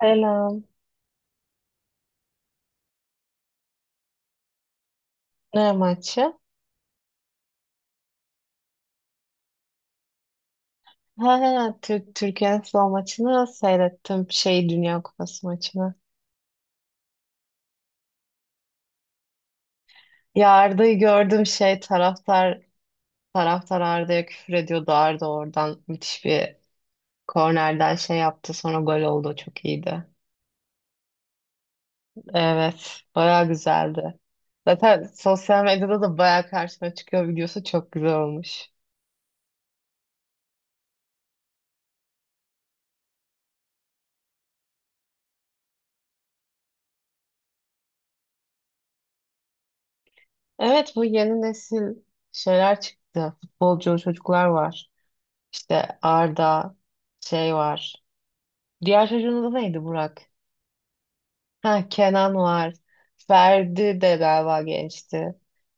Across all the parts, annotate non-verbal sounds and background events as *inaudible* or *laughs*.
Selam. Ne maçı? Ha, ha, Türkiye Aslan maçını seyrettim. Dünya Kupası maçını. Ya Arda'yı gördüm, taraftar Arda'ya küfür ediyordu. Arda oradan müthiş bir kornerden şey yaptı. Sonra gol oldu. Çok iyiydi. Evet. Bayağı güzeldi. Zaten sosyal medyada da bayağı karşıma çıkıyor videosu. Çok güzel olmuş. Evet, bu yeni nesil şeyler çıktı. Futbolcu çocuklar var. İşte Arda şey var. Diğer çocuğun adı neydi, Burak? Ha, Kenan var. Ferdi de galiba gençti.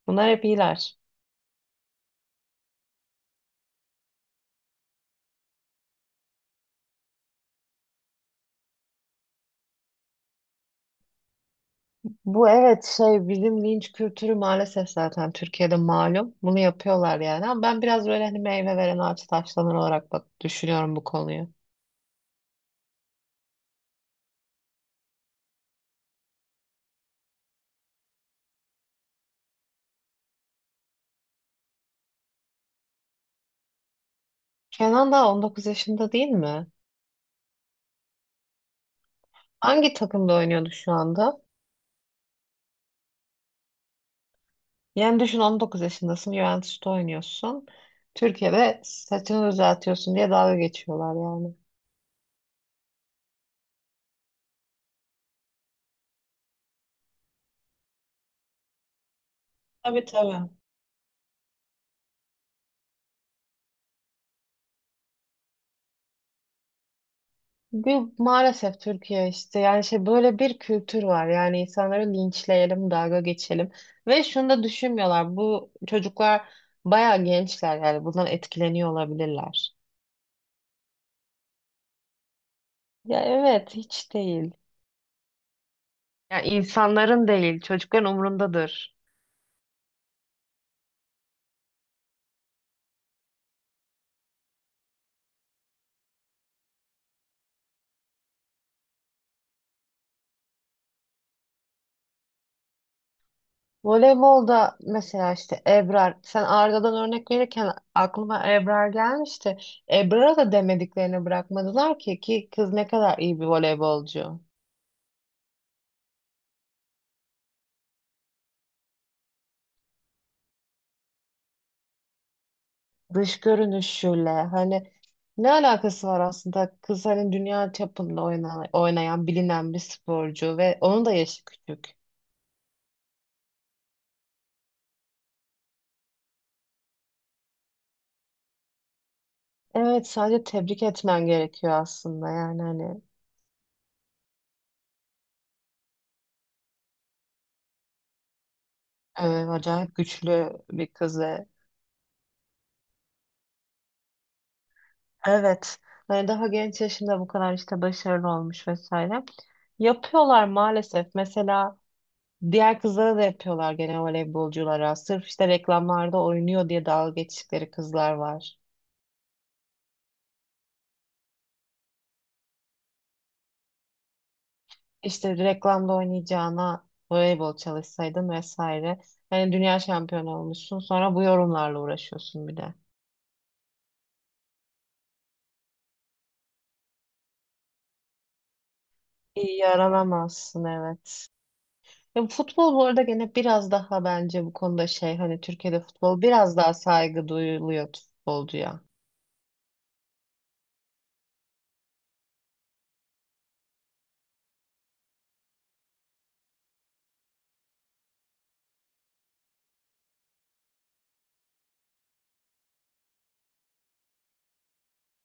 Bunlar hep iyiler. Bu evet, bizim linç kültürü maalesef zaten Türkiye'de malum. Bunu yapıyorlar yani, ama ben biraz böyle hani meyve veren ağaç taşlanır olarak bak düşünüyorum bu konuyu. Kenan daha 19 yaşında değil mi? Hangi takımda oynuyordu şu anda? Yani düşün, 19 yaşındasın, Juventus'ta oynuyorsun. Türkiye'de saçını düzeltiyorsun diye dalga geçiyorlar yani. Tabii, tabii. Maalesef Türkiye işte, yani şey böyle bir kültür var, yani insanları linçleyelim, dalga geçelim ve şunu da düşünmüyorlar, bu çocuklar bayağı gençler yani bundan etkileniyor olabilirler. Ya evet, hiç değil. Yani insanların değil, çocukların umrundadır. Voleybolda mesela işte Ebrar, sen Arda'dan örnek verirken aklıma Ebrar gelmişti. Ebrar'a da demediklerini bırakmadılar, ki kız ne kadar iyi bir voleybolcu. Dış görünüşüyle, hani ne alakası var aslında, kız hani dünya çapında oynayan, bilinen bir sporcu ve onun da yaşı küçük. Evet, sadece tebrik etmen gerekiyor aslında, yani hani, e, acayip güçlü bir kız ve evet, hani daha genç yaşında bu kadar işte başarılı olmuş vesaire. Yapıyorlar maalesef, mesela diğer kızlara da yapıyorlar gene, voleybolculara sırf işte reklamlarda oynuyor diye dalga geçtikleri kızlar var. İşte reklamda oynayacağına voleybol çalışsaydın vesaire. Yani dünya şampiyonu olmuşsun, sonra bu yorumlarla uğraşıyorsun bir de. İyi yaralamazsın, evet. Ya futbol bu arada gene biraz daha bence bu konuda hani Türkiye'de futbol biraz daha saygı duyuluyor futbolcuya.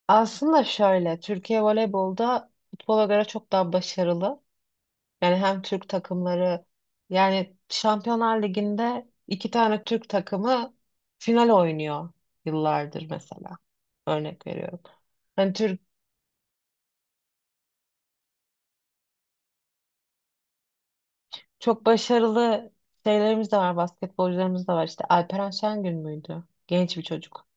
Aslında şöyle, Türkiye voleybolda futbola göre çok daha başarılı. Yani hem Türk takımları, yani Şampiyonlar Ligi'nde iki tane Türk takımı final oynuyor yıllardır mesela. Örnek veriyorum. Hani Türk çok başarılı şeylerimiz de var, basketbolcularımız da var. İşte Alperen Şengün müydü? Genç bir çocuk.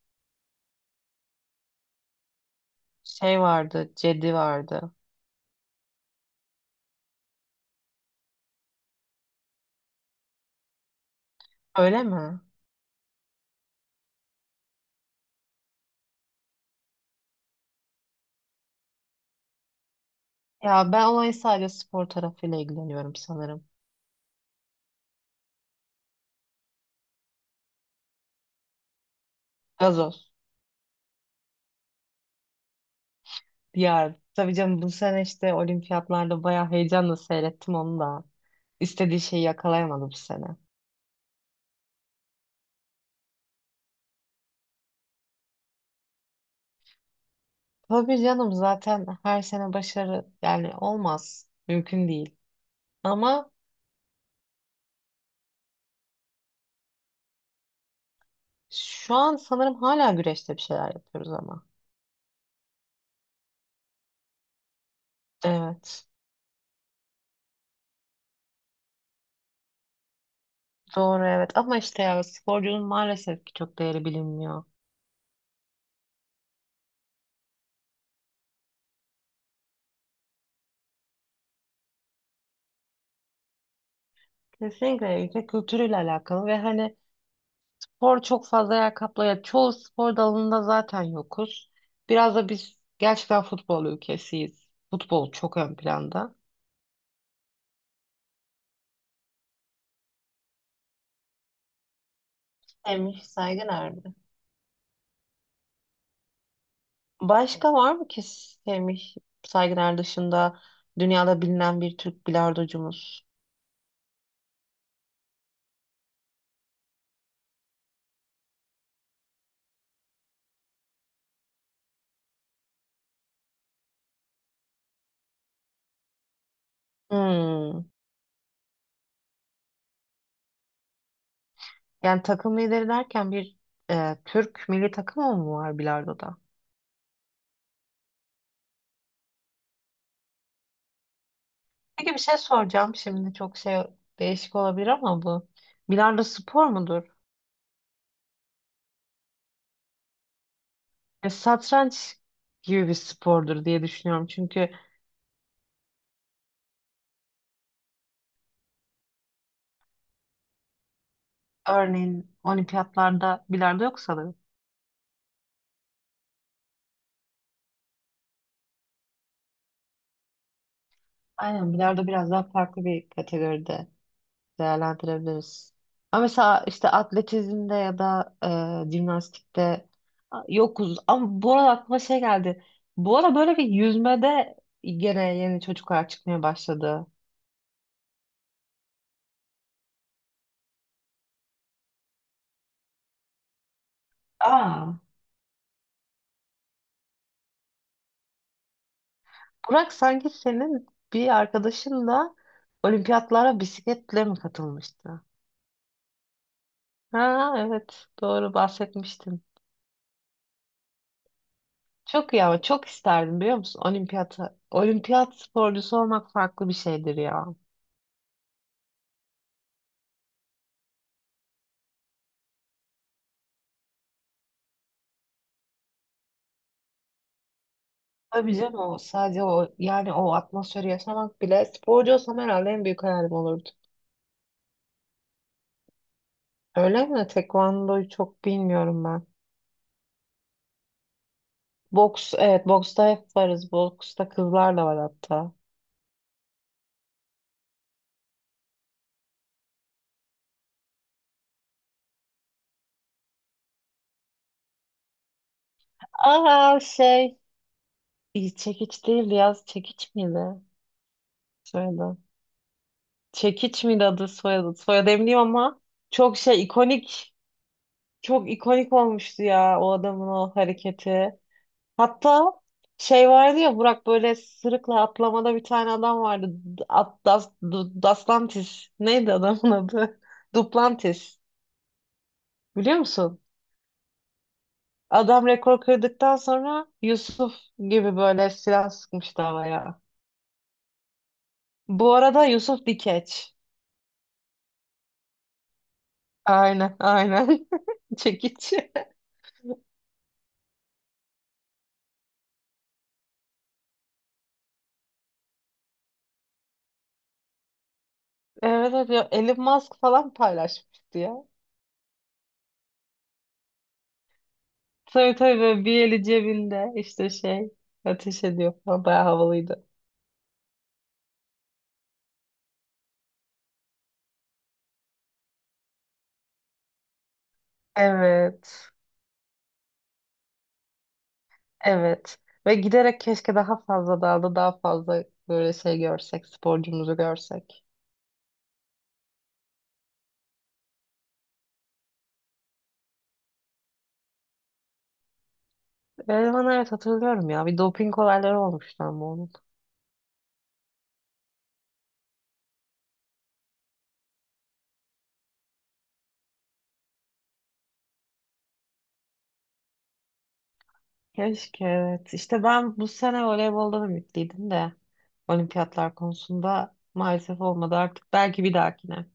Şey vardı, Cedi vardı. Öyle mi? Ya ben olayın sadece spor tarafıyla ilgileniyorum sanırım. Gazoz. Ya tabii canım, bu sene işte olimpiyatlarda bayağı heyecanla seyrettim onu da. İstediği şeyi yakalayamadı bu sene. Tabii canım, zaten her sene başarı yani olmaz. Mümkün değil. Ama şu an sanırım hala güreşte bir şeyler yapıyoruz ama. Evet. Doğru, evet, ama işte ya sporcunun maalesef ki çok değeri bilinmiyor. Kesinlikle ülke kültürüyle alakalı ve hani spor çok fazla yer kaplıyor. Çoğu spor dalında zaten yokuz. Biraz da biz gerçekten futbol ülkesiyiz. Futbol çok ön planda. Emir Saygın abi. Başka var mı ki Semih Saygıner dışında dünyada bilinen bir Türk bilardocumuz? Hmm. Yani takım lideri derken bir, Türk milli takımı mı var bilardoda? Peki bir şey soracağım şimdi, çok değişik olabilir ama bu. Bilardo spor mudur? Satranç gibi bir spordur diye düşünüyorum. Çünkü örneğin olimpiyatlarda bilardo yok sanırım. Aynen, bilardo biraz daha farklı bir kategoride değerlendirebiliriz. Ama mesela işte atletizmde ya da jimnastikte yokuz. Ama bu arada aklıma şey geldi. Bu ara böyle bir yüzmede gene yeni çocuklar çıkmaya başladı. Aa, Burak, sanki senin bir arkadaşın da olimpiyatlara bisikletle mi katılmıştı? Ha, evet, doğru bahsetmiştin. Çok iyi, ama çok isterdim, biliyor musun? Olimpiyat sporcusu olmak farklı bir şeydir ya. Tabii canım, o sadece o, yani o atmosferi yaşamak bile, sporcu olsam herhalde en büyük hayalim olurdu. Öyle mi? Tekvando'yu çok bilmiyorum ben. Boks, evet, boksta hep varız. Boksta kızlar da var hatta. Aa, iyi, çekiç değildi ya, çekiç miydi soyadı? Çekiç miydi adı soyadı? Soyadı eminim ama çok ikonik, çok ikonik olmuştu ya o adamın o hareketi. Hatta şey vardı ya, Burak, böyle sırıkla atlamada bir tane adam vardı. Duplantis. Neydi adamın adı? *laughs* Duplantis. Biliyor musun? Adam rekor kırdıktan sonra Yusuf gibi böyle silah sıkmıştı havaya. Bu arada Yusuf Dikeç. Aynen, aynen. *laughs* Çekiç. Evet, evet, ya Elon Musk falan paylaşmıştı ya. Tabii, tabii, böyle bir eli cebinde işte ateş ediyor falan, bayağı havalıydı. Evet. Evet. Ve giderek keşke daha fazla dalda daha fazla böyle görsek, sporcumuzu görsek. Ben evet, hatırlıyorum ya. Bir doping olayları olmuştu ama onun. Keşke evet. İşte ben bu sene voleyboldan ümitliydim de olimpiyatlar konusunda maalesef olmadı artık. Belki bir dahakine.